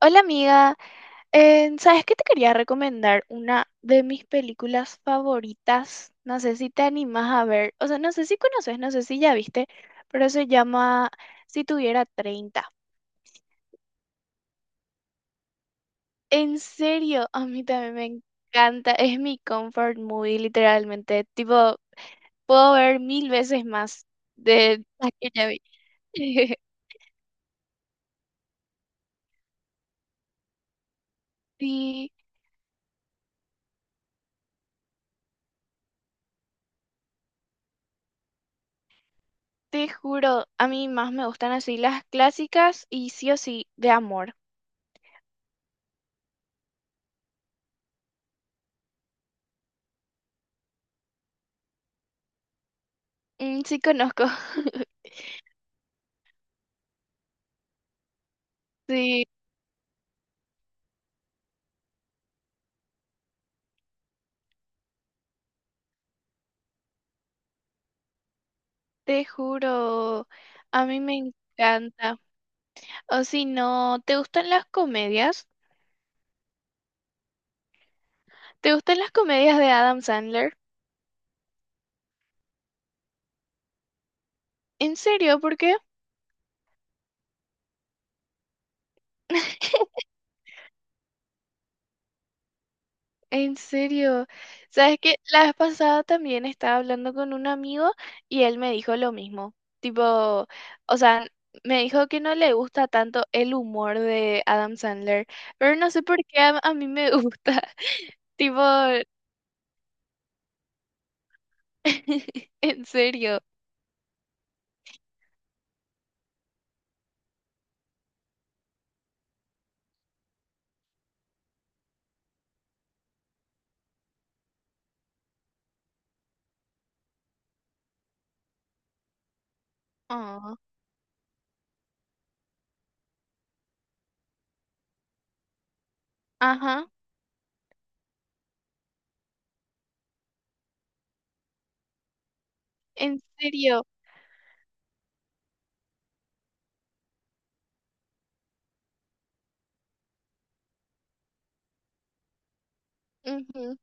Hola amiga. ¿Sabes qué te quería recomendar? Una de mis películas favoritas, no sé si te animas a ver, o sea, no sé si conoces, no sé si ya viste, pero se llama Si tuviera 30. En serio, a mí también me encanta, es mi comfort movie literalmente, tipo, puedo ver mil veces más de las que ya vi. Sí, te juro, a mí más me gustan así las clásicas y sí o sí de amor. Mm, sí conozco. Sí, te juro, a mí me encanta. O si no, ¿te gustan las comedias? ¿Te gustan las comedias de Adam Sandler? ¿En serio? ¿Por qué? En serio. ¿Sabes que la vez pasada también estaba hablando con un amigo y él me dijo lo mismo? Tipo, o sea, me dijo que no le gusta tanto el humor de Adam Sandler, pero no sé por qué a mí me gusta. Tipo, en serio. Oh, ajá. En serio. Ujú,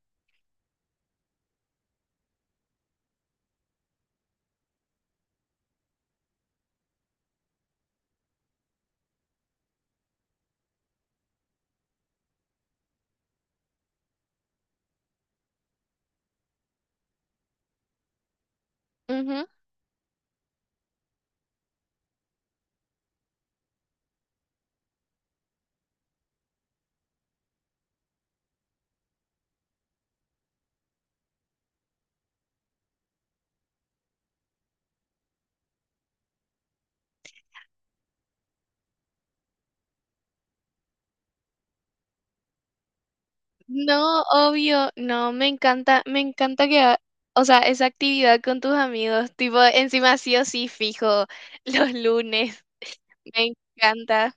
ujú. No, obvio, no, me encanta o sea, esa actividad con tus amigos, tipo, encima sí o sí fijo, los lunes, me encanta.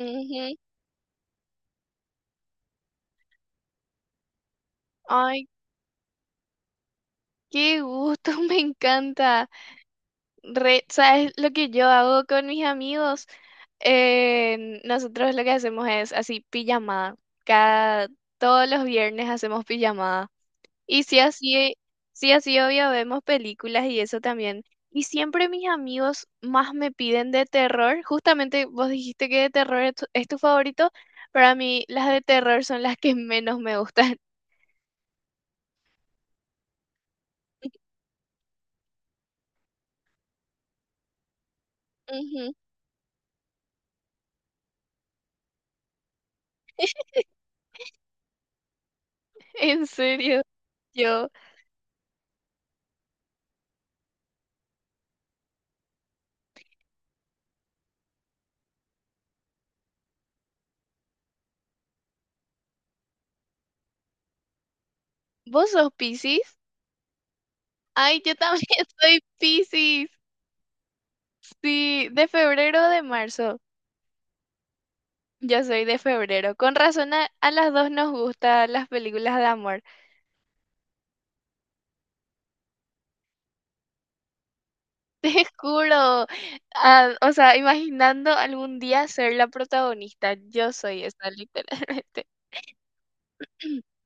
Ujú. Ay, qué gusto, me encanta. ¿Sabes lo que yo hago con mis amigos? Nosotros lo que hacemos es así, pijamada. Cada, Todos los viernes hacemos pijamada. Y sí, así obvio vemos películas y eso también. Y siempre mis amigos más me piden de terror. Justamente vos dijiste que de terror es tu favorito. Para mí, las de terror son las que menos me gustan. Ujú. En serio, yo. ¿Vos sos Piscis? Ay, yo también soy Piscis. Sí, de febrero o de marzo. Yo soy de febrero. Con razón a las dos nos gustan las películas de amor. Te juro, ah, o sea, imaginando algún día ser la protagonista, yo soy esa, literalmente.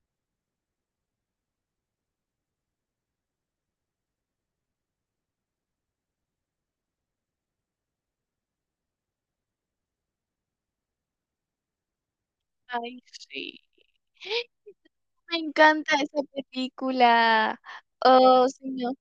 Ay, sí. Me encanta esa película. Oh, sí, no.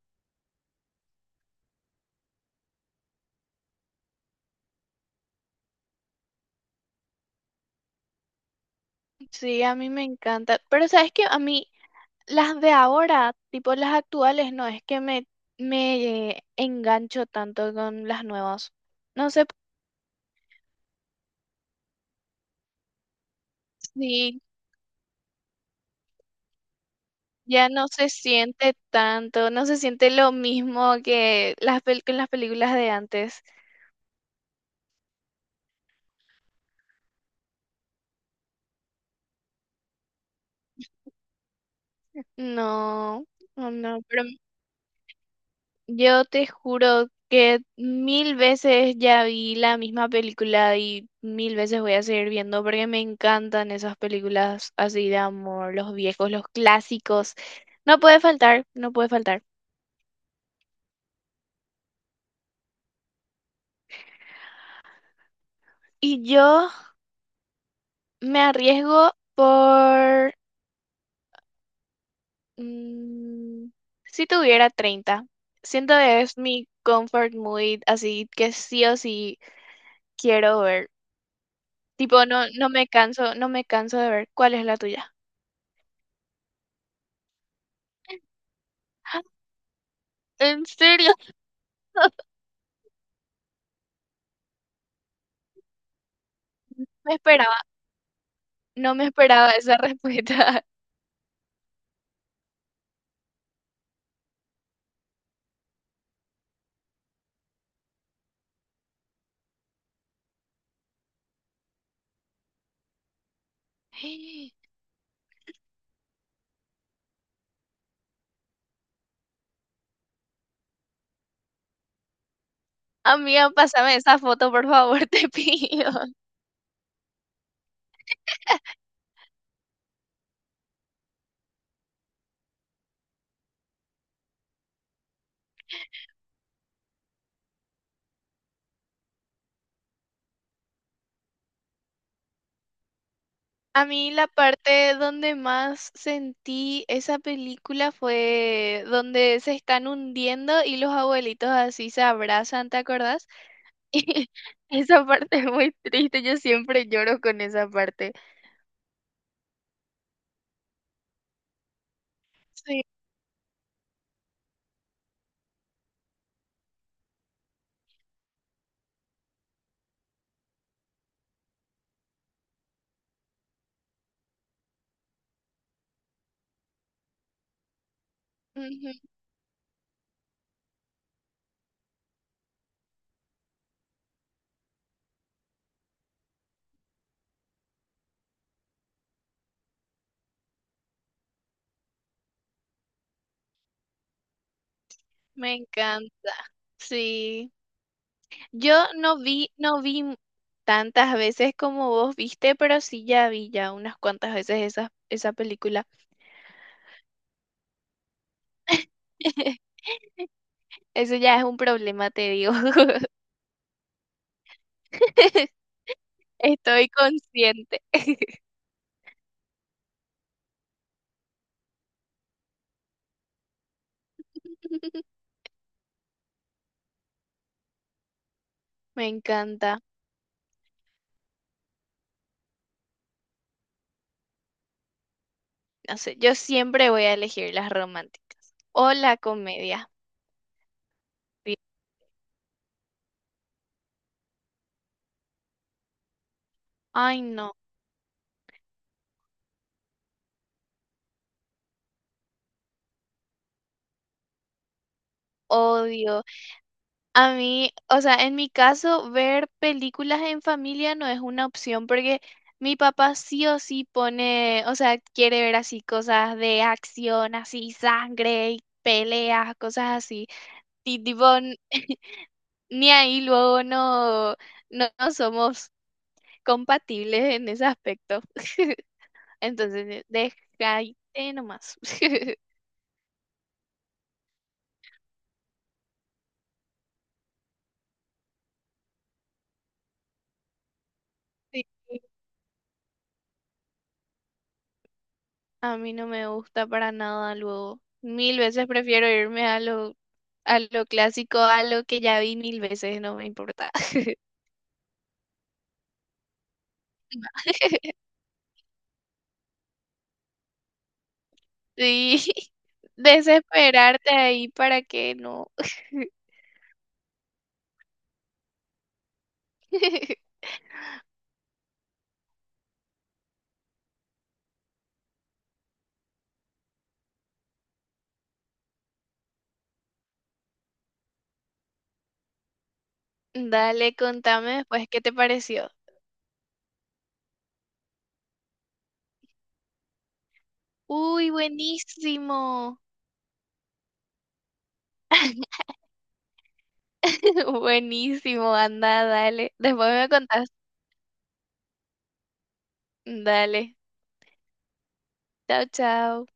Sí, a mí me encanta. Pero sabes que a mí las de ahora, tipo las actuales, no es que me engancho tanto con las nuevas. No sé, sí, ya no se siente tanto, no se siente lo mismo que las películas de antes. No, no, no, pero yo te juro que mil veces ya vi la misma película y mil veces voy a seguir viendo porque me encantan esas películas así de amor, los viejos, los clásicos. No puede faltar, no puede faltar. Y yo me arriesgo por Mm, si tuviera 30 siento que es mi comfort movie, así que sí o sí quiero ver. Tipo, no, no me canso, no me canso de ver. ¿Cuál es la tuya? ¡Ah! ¿En serio? Me esperaba, no me esperaba esa respuesta. Amiga, pásame esa foto, por favor, te pido. A mí la parte donde más sentí esa película fue donde se están hundiendo y los abuelitos así se abrazan, ¿te acordás? Esa parte es muy triste, yo siempre lloro con esa parte. Sí, ujú, me encanta. Sí, yo no vi, no vi m- tantas veces como vos viste, pero sí ya vi ya unas cuantas veces esa película. Eso ya es un problema, te digo. Estoy consciente. Me encanta. No sé, yo siempre voy a elegir las románticas o la comedia. Sí. Ay, no, odio. A mí, o sea, en mi caso, ver películas en familia no es una opción porque mi papá sí o sí pone, o sea, quiere ver así cosas de acción, así sangre y peleas, cosas así. Y tipo, ni ahí luego no, no, no somos compatibles en ese aspecto. Entonces, deja nomás. Sí. A mí no me gusta para nada luego. Mil veces prefiero irme a lo, clásico, a lo que ya vi mil veces, no me importa. Sí, desesperarte ahí para que no. Dale, contame después qué te pareció. Uy, buenísimo. Buenísimo, anda, dale. Después me contás. Dale. Chao, chao.